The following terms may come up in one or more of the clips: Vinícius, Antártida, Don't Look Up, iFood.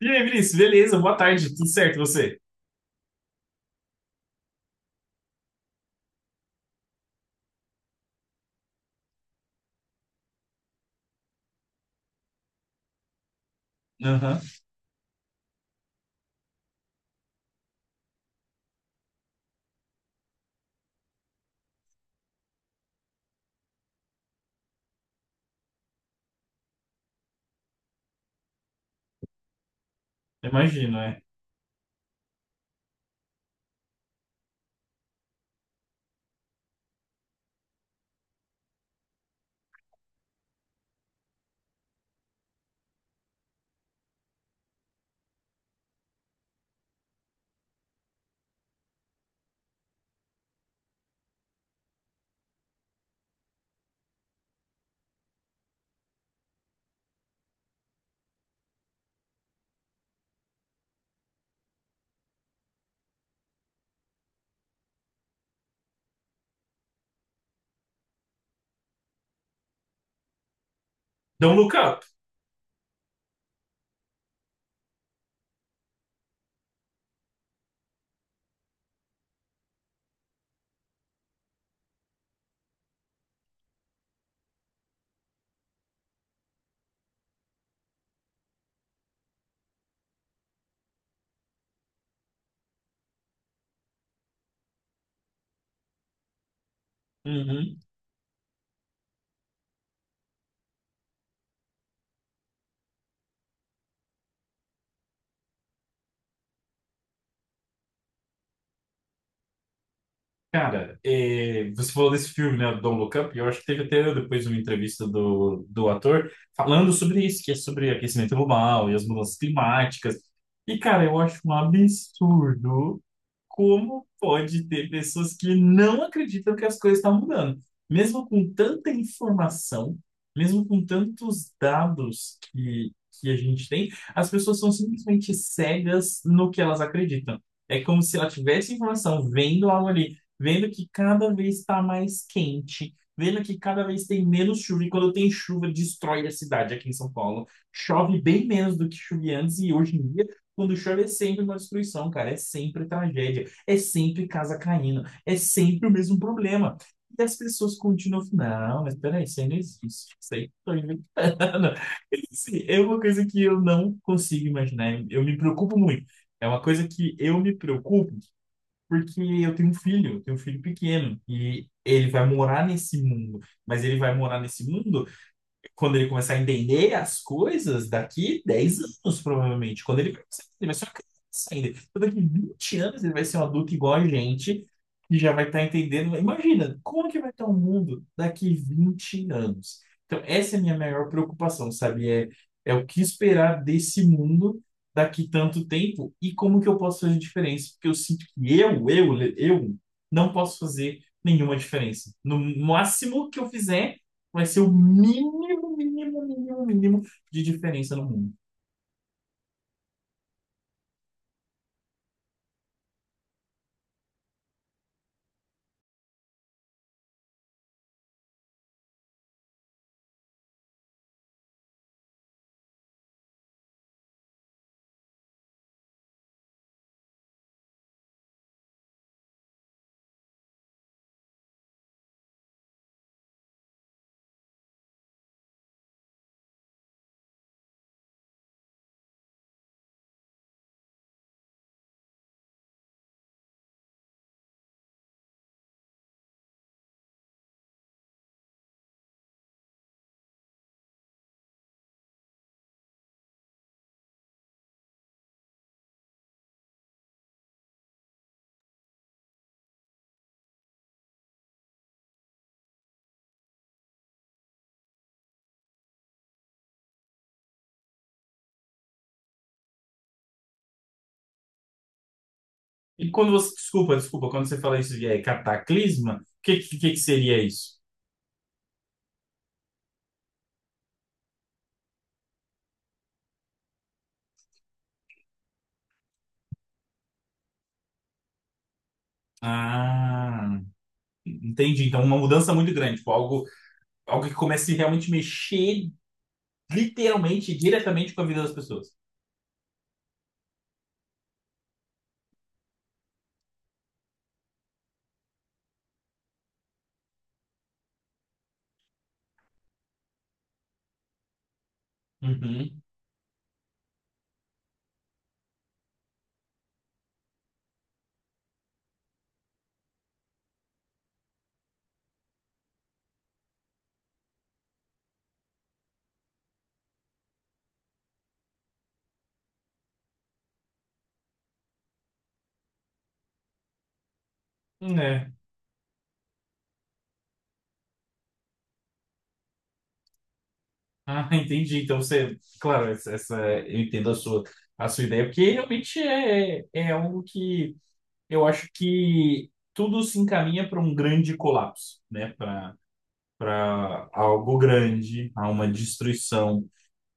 E aí, Vinícius, beleza? Boa tarde, tudo certo e você? Aham, imagino, é. Don't Look Up. Uhum. Cara, você falou desse filme, né, Don't Look Up, e eu acho que teve até depois uma entrevista do ator falando sobre isso, que é sobre aquecimento global e as mudanças climáticas. E, cara, eu acho um absurdo como pode ter pessoas que não acreditam que as coisas estão mudando? Mesmo com tanta informação, mesmo com tantos dados que a gente tem, as pessoas são simplesmente cegas no que elas acreditam. É como se ela tivesse informação, vendo algo ali, vendo que cada vez está mais quente, vendo que cada vez tem menos chuva, e quando tem chuva, destrói a cidade aqui em São Paulo. Chove bem menos do que chovia antes, e hoje em dia, quando chove, é sempre uma destruição, cara, é sempre tragédia. É sempre casa caindo, é sempre o mesmo problema. E as pessoas continuam, não, mas peraí, isso aí não existe, isso aí estou inventando. Assim, é uma coisa que eu não consigo imaginar, eu me preocupo muito. É uma coisa que eu me preocupo porque eu tenho um filho, eu tenho um filho pequeno e ele vai morar nesse mundo, mas ele vai morar nesse mundo quando ele começar a entender as coisas, daqui 10 anos, provavelmente. Quando ele começar a entender, vai ser uma criança ainda. Então, daqui 20 anos, ele vai ser um adulto igual a gente, que já vai estar entendendo. Imagina, como que vai estar o mundo daqui 20 anos? Então, essa é a minha maior preocupação, sabe? É, é o que esperar desse mundo daqui tanto tempo e como que eu posso fazer diferença? Porque eu sinto que eu não posso fazer nenhuma diferença. No máximo que eu fizer vai ser o mínimo, mínimo, mínimo, mínimo de diferença no mundo. E quando você, desculpa, desculpa, quando você fala isso de cataclisma, o que seria isso? Ah, entendi. Então, uma mudança muito grande, tipo, algo, algo que comece a realmente mexer literalmente, diretamente com a vida das pessoas. Uhum. É. Ah, entendi. Então, você, claro, eu entendo a sua ideia, porque realmente é algo que eu acho que tudo se encaminha para um grande colapso, né? Para algo grande, a uma destruição.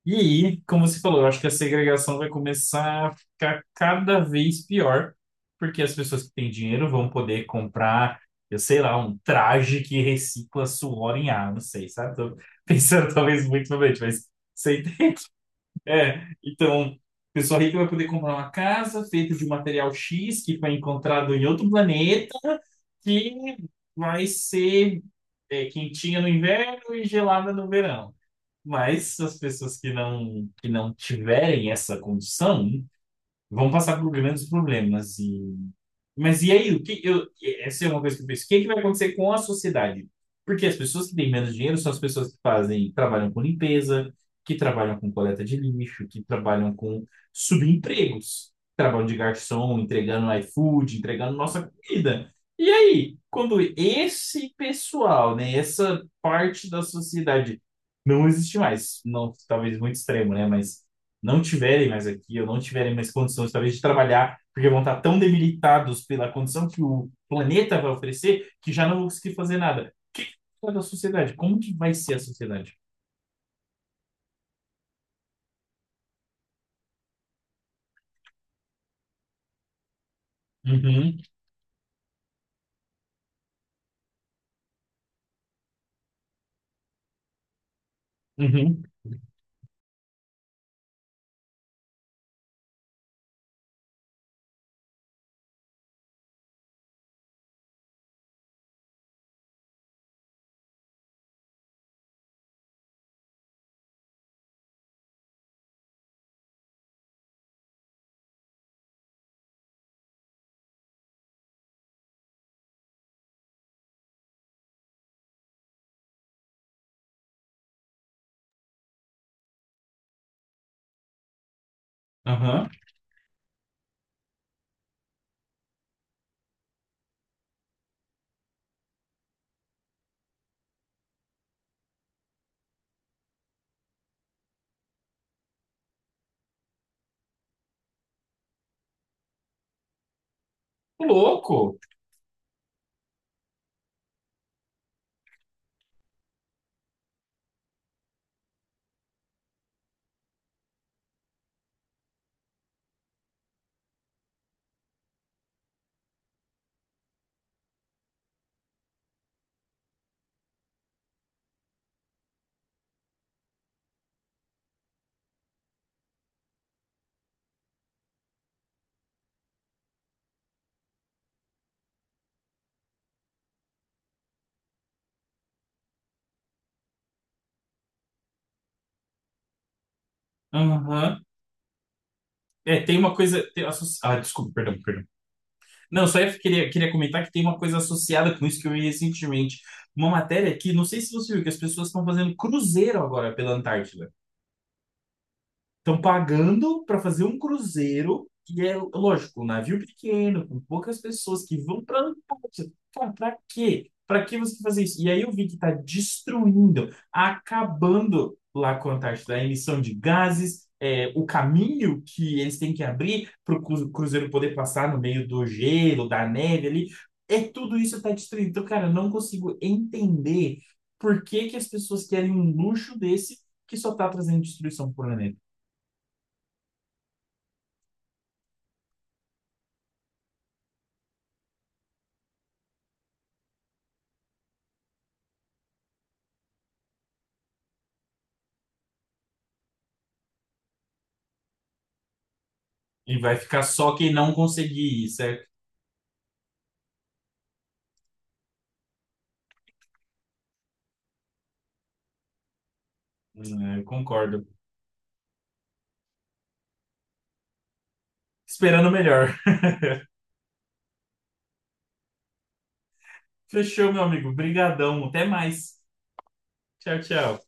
E aí, como você falou, eu acho que a segregação vai começar a ficar cada vez pior, porque as pessoas que têm dinheiro vão poder comprar, eu sei lá, um traje que recicla suor em ar, não sei, sabe? Tô pensando talvez muito novamente, mas você então, pessoa rica vai poder comprar uma casa feita de um material X que foi encontrado em outro planeta, que vai ser quentinha no inverno e gelada no verão. Mas as pessoas que não tiverem essa condição vão passar por grandes problemas. E mas e aí, essa é uma coisa que eu penso. O que, é que vai acontecer com a sociedade? Porque as pessoas que têm menos dinheiro são as pessoas que fazem, trabalham com limpeza, que trabalham com coleta de lixo, que trabalham com subempregos, trabalham de garçom, entregando iFood, entregando nossa comida. E aí, quando esse pessoal, né, essa parte da sociedade não existe mais, não, talvez muito extremo, né, mas não tiverem mais aqui, ou não tiverem mais condições, talvez, de trabalhar, porque vão estar tão debilitados pela condição que o planeta vai oferecer, que já não vão conseguir fazer nada. O que que da sociedade? Como que vai ser a sociedade? Uhum, uhum, aham. Ô, louco! Aham. É, tem uma coisa. Ah, desculpa, perdão, perdão. Não, só eu queria comentar que tem uma coisa associada com isso que eu vi recentemente. Uma matéria que, não sei se você viu, que as pessoas estão fazendo cruzeiro agora pela Antártida. Estão pagando para fazer um cruzeiro, e é lógico, um navio pequeno, com poucas pessoas que vão para a Antártida. Cara, para quê? Para que você fazer isso? E aí eu vi que está destruindo, acabando lá com a Antártida, a emissão de gases, é, o caminho que eles têm que abrir para o cruzeiro poder passar no meio do gelo, da neve ali. É tudo isso está destruindo. Então, cara, eu não consigo entender por que que as pessoas querem um luxo desse que só está trazendo destruição para o planeta. E vai ficar só quem não conseguir ir, certo? É, eu concordo. Esperando o melhor. Fechou, meu amigo. Brigadão. Até mais. Tchau, tchau.